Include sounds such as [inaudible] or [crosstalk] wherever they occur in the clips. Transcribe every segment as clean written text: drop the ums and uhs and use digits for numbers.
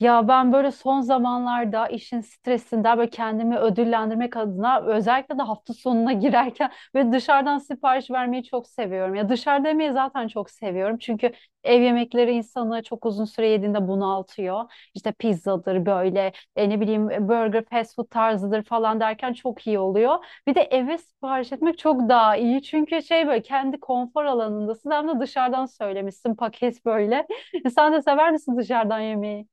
Ya ben böyle son zamanlarda işin stresinden böyle kendimi ödüllendirmek adına özellikle de hafta sonuna [laughs] girerken böyle dışarıdan sipariş vermeyi çok seviyorum. Ya dışarıda yemeği zaten çok seviyorum. Çünkü ev yemekleri insanı çok uzun süre yediğinde bunaltıyor. İşte pizzadır böyle ne bileyim burger fast food tarzıdır falan derken çok iyi oluyor. Bir de eve sipariş etmek çok daha iyi. Çünkü şey böyle kendi konfor alanındasın hem de dışarıdan söylemişsin paket böyle. [laughs] Sen de sever misin dışarıdan yemeği?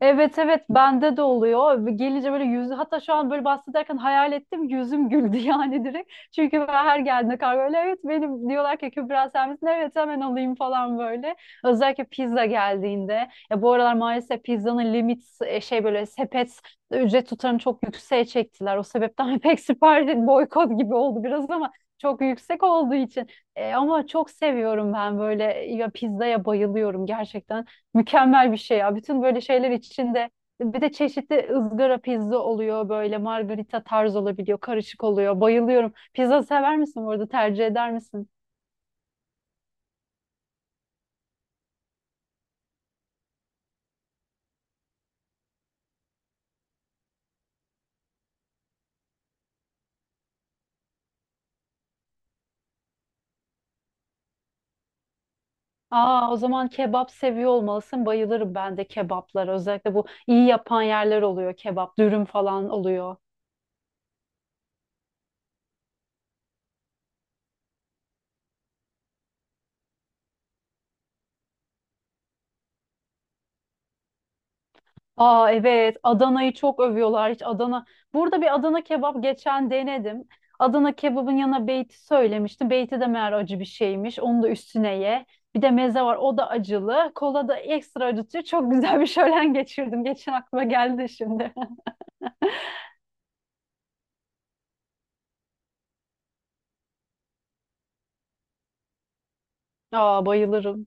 Evet, evet, bende de oluyor. Gelince böyle yüz hatta şu an böyle bahsederken hayal ettim yüzüm güldü [laughs] yani direkt. Çünkü ben her geldiğinde kargo öyle evet benim diyorlar ki Kübra sen misin? Evet hemen alayım falan böyle. Özellikle pizza geldiğinde. Ya bu aralar maalesef pizzanın limit şey böyle sepet ücret tutarını çok yükseğe çektiler. O sebepten [laughs] pek sipariş boykot gibi oldu biraz ama çok yüksek olduğu için. Ama çok seviyorum ben böyle ya pizzaya bayılıyorum gerçekten. Mükemmel bir şey ya. Bütün böyle şeyler içinde bir de çeşitli ızgara pizza oluyor böyle margarita tarz olabiliyor. Karışık oluyor. Bayılıyorum. Pizza sever misin bu arada? Tercih eder misin? Aa, o zaman kebap seviyor olmalısın. Bayılırım ben de kebaplara. Özellikle bu iyi yapan yerler oluyor. Kebap, dürüm falan oluyor. Aa, evet, Adana'yı çok övüyorlar hiç Adana. Burada bir Adana kebap geçen denedim. Adana kebabın yanına beyti söylemiştim. Beyti de meğer acı bir şeymiş. Onu da üstüne ye. Bir de meze var o da acılı. Kola da ekstra acıtıyor. Çok güzel bir şölen [laughs] geçirdim. Geçen aklıma geldi şimdi. [laughs] Aa, bayılırım.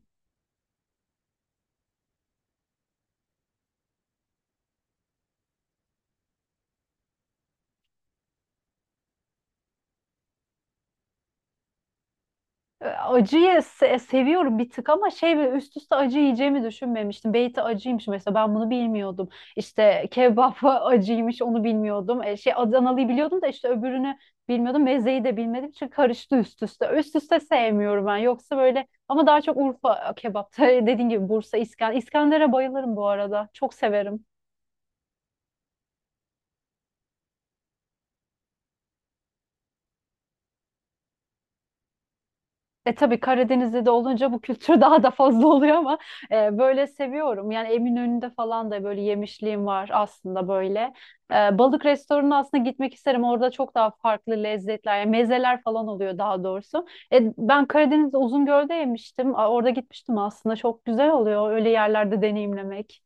Acıyı seviyorum bir tık ama şey böyle üst üste acı yiyeceğimi düşünmemiştim. Beyti acıymış mesela ben bunu bilmiyordum. İşte kebap [laughs] acıymış onu bilmiyordum. Şey Adanalı'yı biliyordum da işte öbürünü bilmiyordum. Mezeyi de bilmediğim için karıştı üst üste. Üst üste sevmiyorum ben. Yoksa böyle ama daha çok Urfa kebap. [laughs] dediğin gibi Bursa, İskan. İskender'e bayılırım bu arada. Çok severim. E tabii Karadeniz'de de olunca bu kültür [laughs] daha da fazla oluyor ama böyle seviyorum. Yani Eminönü'nde falan da böyle yemişliğim var aslında böyle. Balık restoranına aslında gitmek isterim. Orada çok daha farklı lezzetler, yani mezeler falan oluyor daha doğrusu. Ben Karadeniz'de Uzungöl'de yemiştim. A, orada gitmiştim aslında. Çok güzel oluyor öyle yerlerde deneyimlemek.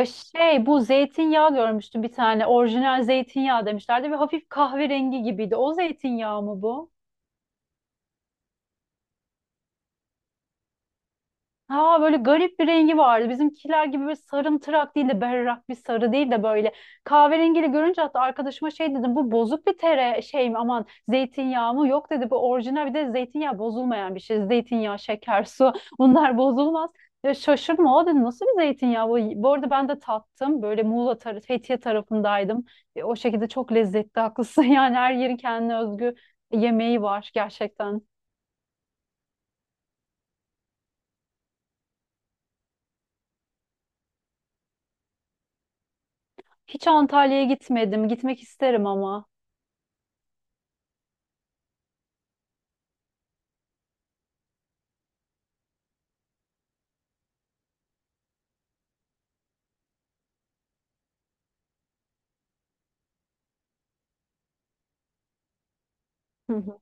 Ya şey bu zeytinyağı görmüştüm bir tane. Orijinal zeytinyağı demişlerdi ve hafif kahverengi gibiydi. O zeytinyağı mı bu? Ha böyle garip bir rengi vardı. Bizimkiler gibi böyle sarımtırak değil de berrak bir sarı değil de böyle kahverengili görünce hatta arkadaşıma şey dedim bu bozuk bir tere şey mi aman zeytinyağı mı? Yok dedi bu orijinal bir de zeytinyağı bozulmayan bir şey. Zeytinyağı, şeker, su [laughs] bunlar bozulmaz. Ya şaşırma o dedi nasıl bir zeytinyağı bu? Bu arada ben de tattım böyle Muğla tarafı Fethiye tarafındaydım. O şekilde çok lezzetli haklısın [laughs] yani her yerin kendine özgü yemeği var gerçekten. Hiç Antalya'ya gitmedim. Gitmek isterim ama. Hı hı.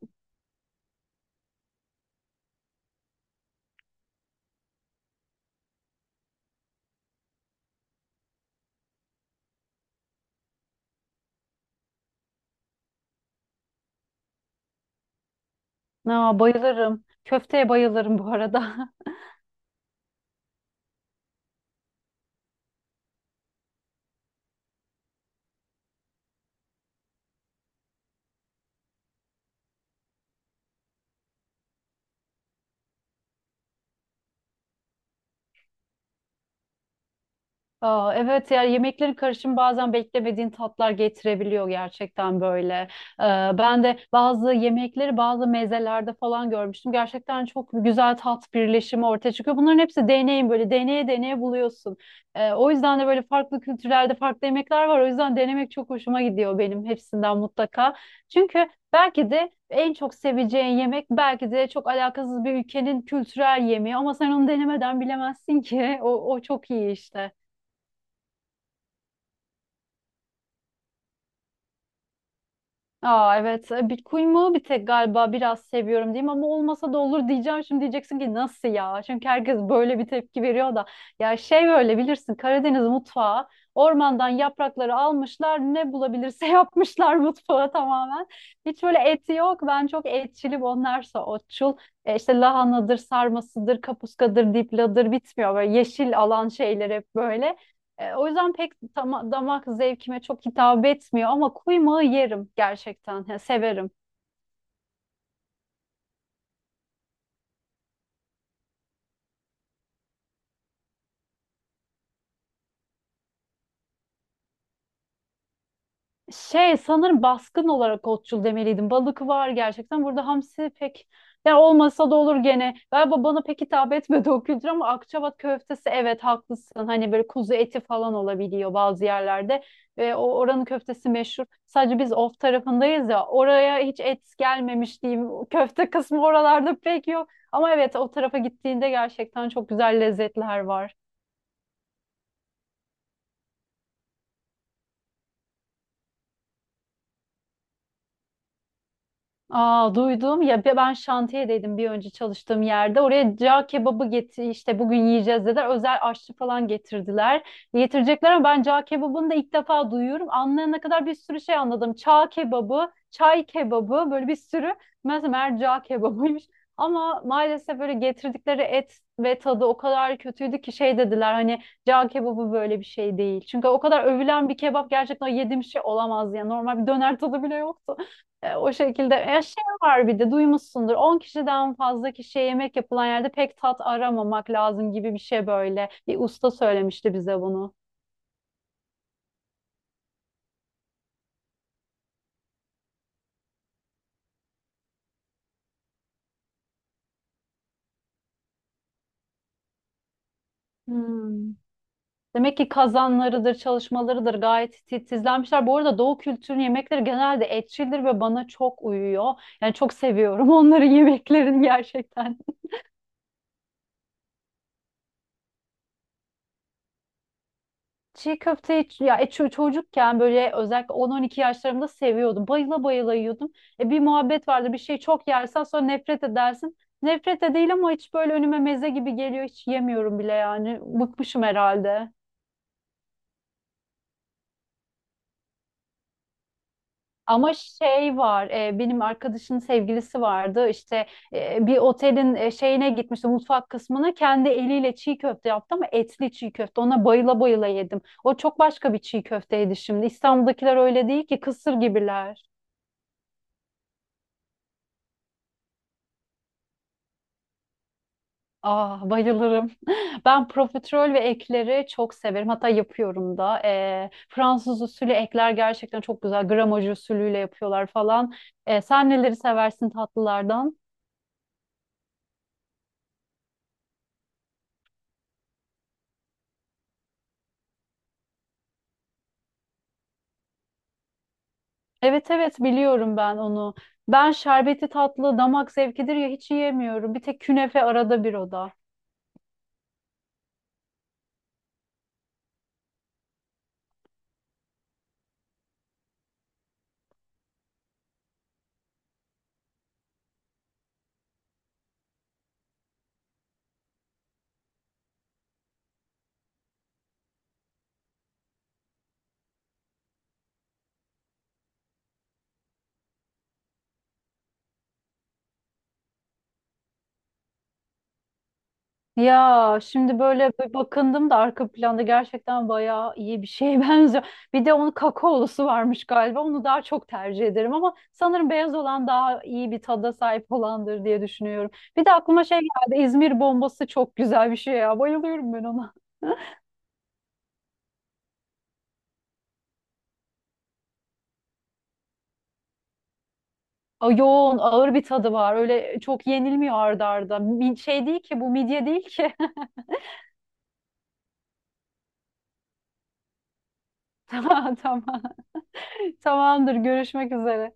Aa, bayılırım. Köfteye bayılırım bu arada. [laughs] Aa, evet yani yemeklerin karışımı bazen beklemediğin tatlar getirebiliyor gerçekten böyle. Ben de bazı yemekleri bazı mezelerde falan görmüştüm. Gerçekten çok güzel tat birleşimi ortaya çıkıyor. Bunların hepsi deneyim böyle deneye deneye buluyorsun. O yüzden de böyle farklı kültürlerde farklı yemekler var. O yüzden denemek çok hoşuma gidiyor benim hepsinden mutlaka. Çünkü belki de en çok seveceğin yemek belki de çok alakasız bir ülkenin kültürel yemeği ama sen onu denemeden bilemezsin ki. [laughs] O çok iyi işte. Aa, evet. Bitcoin bir tek galiba biraz seviyorum diyeyim ama olmasa da olur diyeceğim. Şimdi diyeceksin ki nasıl ya? Çünkü herkes böyle bir tepki veriyor da. Ya şey böyle bilirsin Karadeniz mutfağı ormandan yaprakları almışlar ne bulabilirse [laughs] yapmışlar mutfağa tamamen. Hiç böyle eti yok. Ben çok etçilim onlarsa otçul. İşte lahanadır, sarmasıdır, kapuskadır, dipladır bitmiyor. Böyle yeşil alan şeyler hep böyle. O yüzden pek damak zevkime çok hitap etmiyor ama kuymağı yerim gerçekten. Ya, severim. Şey sanırım baskın olarak otçul demeliydim. Balık var gerçekten. Burada hamsi pek yani olmasa da olur gene. Galiba bana pek hitap etmedi o kültür ama Akçabat köftesi evet haklısın. Hani böyle kuzu eti falan olabiliyor bazı yerlerde. Ve o oranın köftesi meşhur. Sadece biz of tarafındayız ya oraya hiç et gelmemiş diyeyim. O köfte kısmı oralarda pek yok. Ama evet o tarafa gittiğinde gerçekten çok güzel lezzetler var. Aa, duydum ya ben şantiyedeydim bir önce çalıştığım yerde. Oraya cağ kebabı getir işte bugün yiyeceğiz dediler. Özel aşçı falan getirdiler. Getirecekler ama ben cağ kebabını da ilk defa duyuyorum. Anlayana kadar bir sürü şey anladım. Çağ kebabı, çay kebabı böyle bir sürü. Mesela meğer cağ kebabıymış. Ama maalesef böyle getirdikleri et ve tadı o kadar kötüydü ki şey dediler hani cağ kebabı böyle bir şey değil. Çünkü o kadar övülen bir kebap gerçekten yediğim şey olamaz ya. Normal bir döner tadı bile yoktu. O şekilde. Şey var bir de duymuşsundur. 10 kişiden fazla kişiye yemek yapılan yerde pek tat aramamak lazım gibi bir şey böyle. Bir usta söylemişti bize bunu. Hmm. Demek ki kazanlarıdır, çalışmalarıdır gayet titizlenmişler. Bu arada Doğu kültürünün yemekleri genelde etçildir ve bana çok uyuyor. Yani çok seviyorum [laughs] onların yemeklerini gerçekten. Çiğ köfteyi ya çocukken böyle özellikle 10-12 yaşlarımda seviyordum. Bayıla bayıla yiyordum. Bir muhabbet vardı. Bir şeyi çok yersen sonra nefret edersin. Nefret de değil ama hiç böyle önüme meze gibi geliyor. Hiç yemiyorum bile yani. Bıkmışım herhalde. Ama şey var, benim arkadaşın sevgilisi vardı. İşte bir otelin şeyine gitmişti, mutfak kısmına. Kendi eliyle çiğ köfte yaptı ama etli çiğ köfte. Ona bayıla bayıla yedim. O çok başka bir çiğ köfteydi şimdi. İstanbul'dakiler öyle değil ki, kısır gibiler. Ah, bayılırım. [laughs] Ben profiterol ve ekleri çok severim. Hatta yapıyorum da. Fransız usulü ekler gerçekten çok güzel. Gramaj usulüyle yapıyorlar falan. Sen neleri seversin tatlılardan? Evet, evet, biliyorum ben onu. Ben şerbeti tatlı damak zevkidir ya hiç yiyemiyorum. Bir tek künefe arada bir o da. Ya şimdi böyle bir bakındım da arka planda gerçekten bayağı iyi bir şeye [laughs] benziyor. Bir de onun kakaolusu varmış galiba. Onu daha çok tercih ederim ama sanırım beyaz olan daha iyi bir tada sahip olandır diye düşünüyorum. Bir de aklıma şey geldi. İzmir bombası çok güzel bir şey ya. Bayılıyorum ben ona. A, yoğun, ağır bir tadı var. Öyle çok yenilmiyor arda arda. Şey değil ki bu midye değil ki. [laughs] Tamam, tamam. Tamamdır, görüşmek üzere.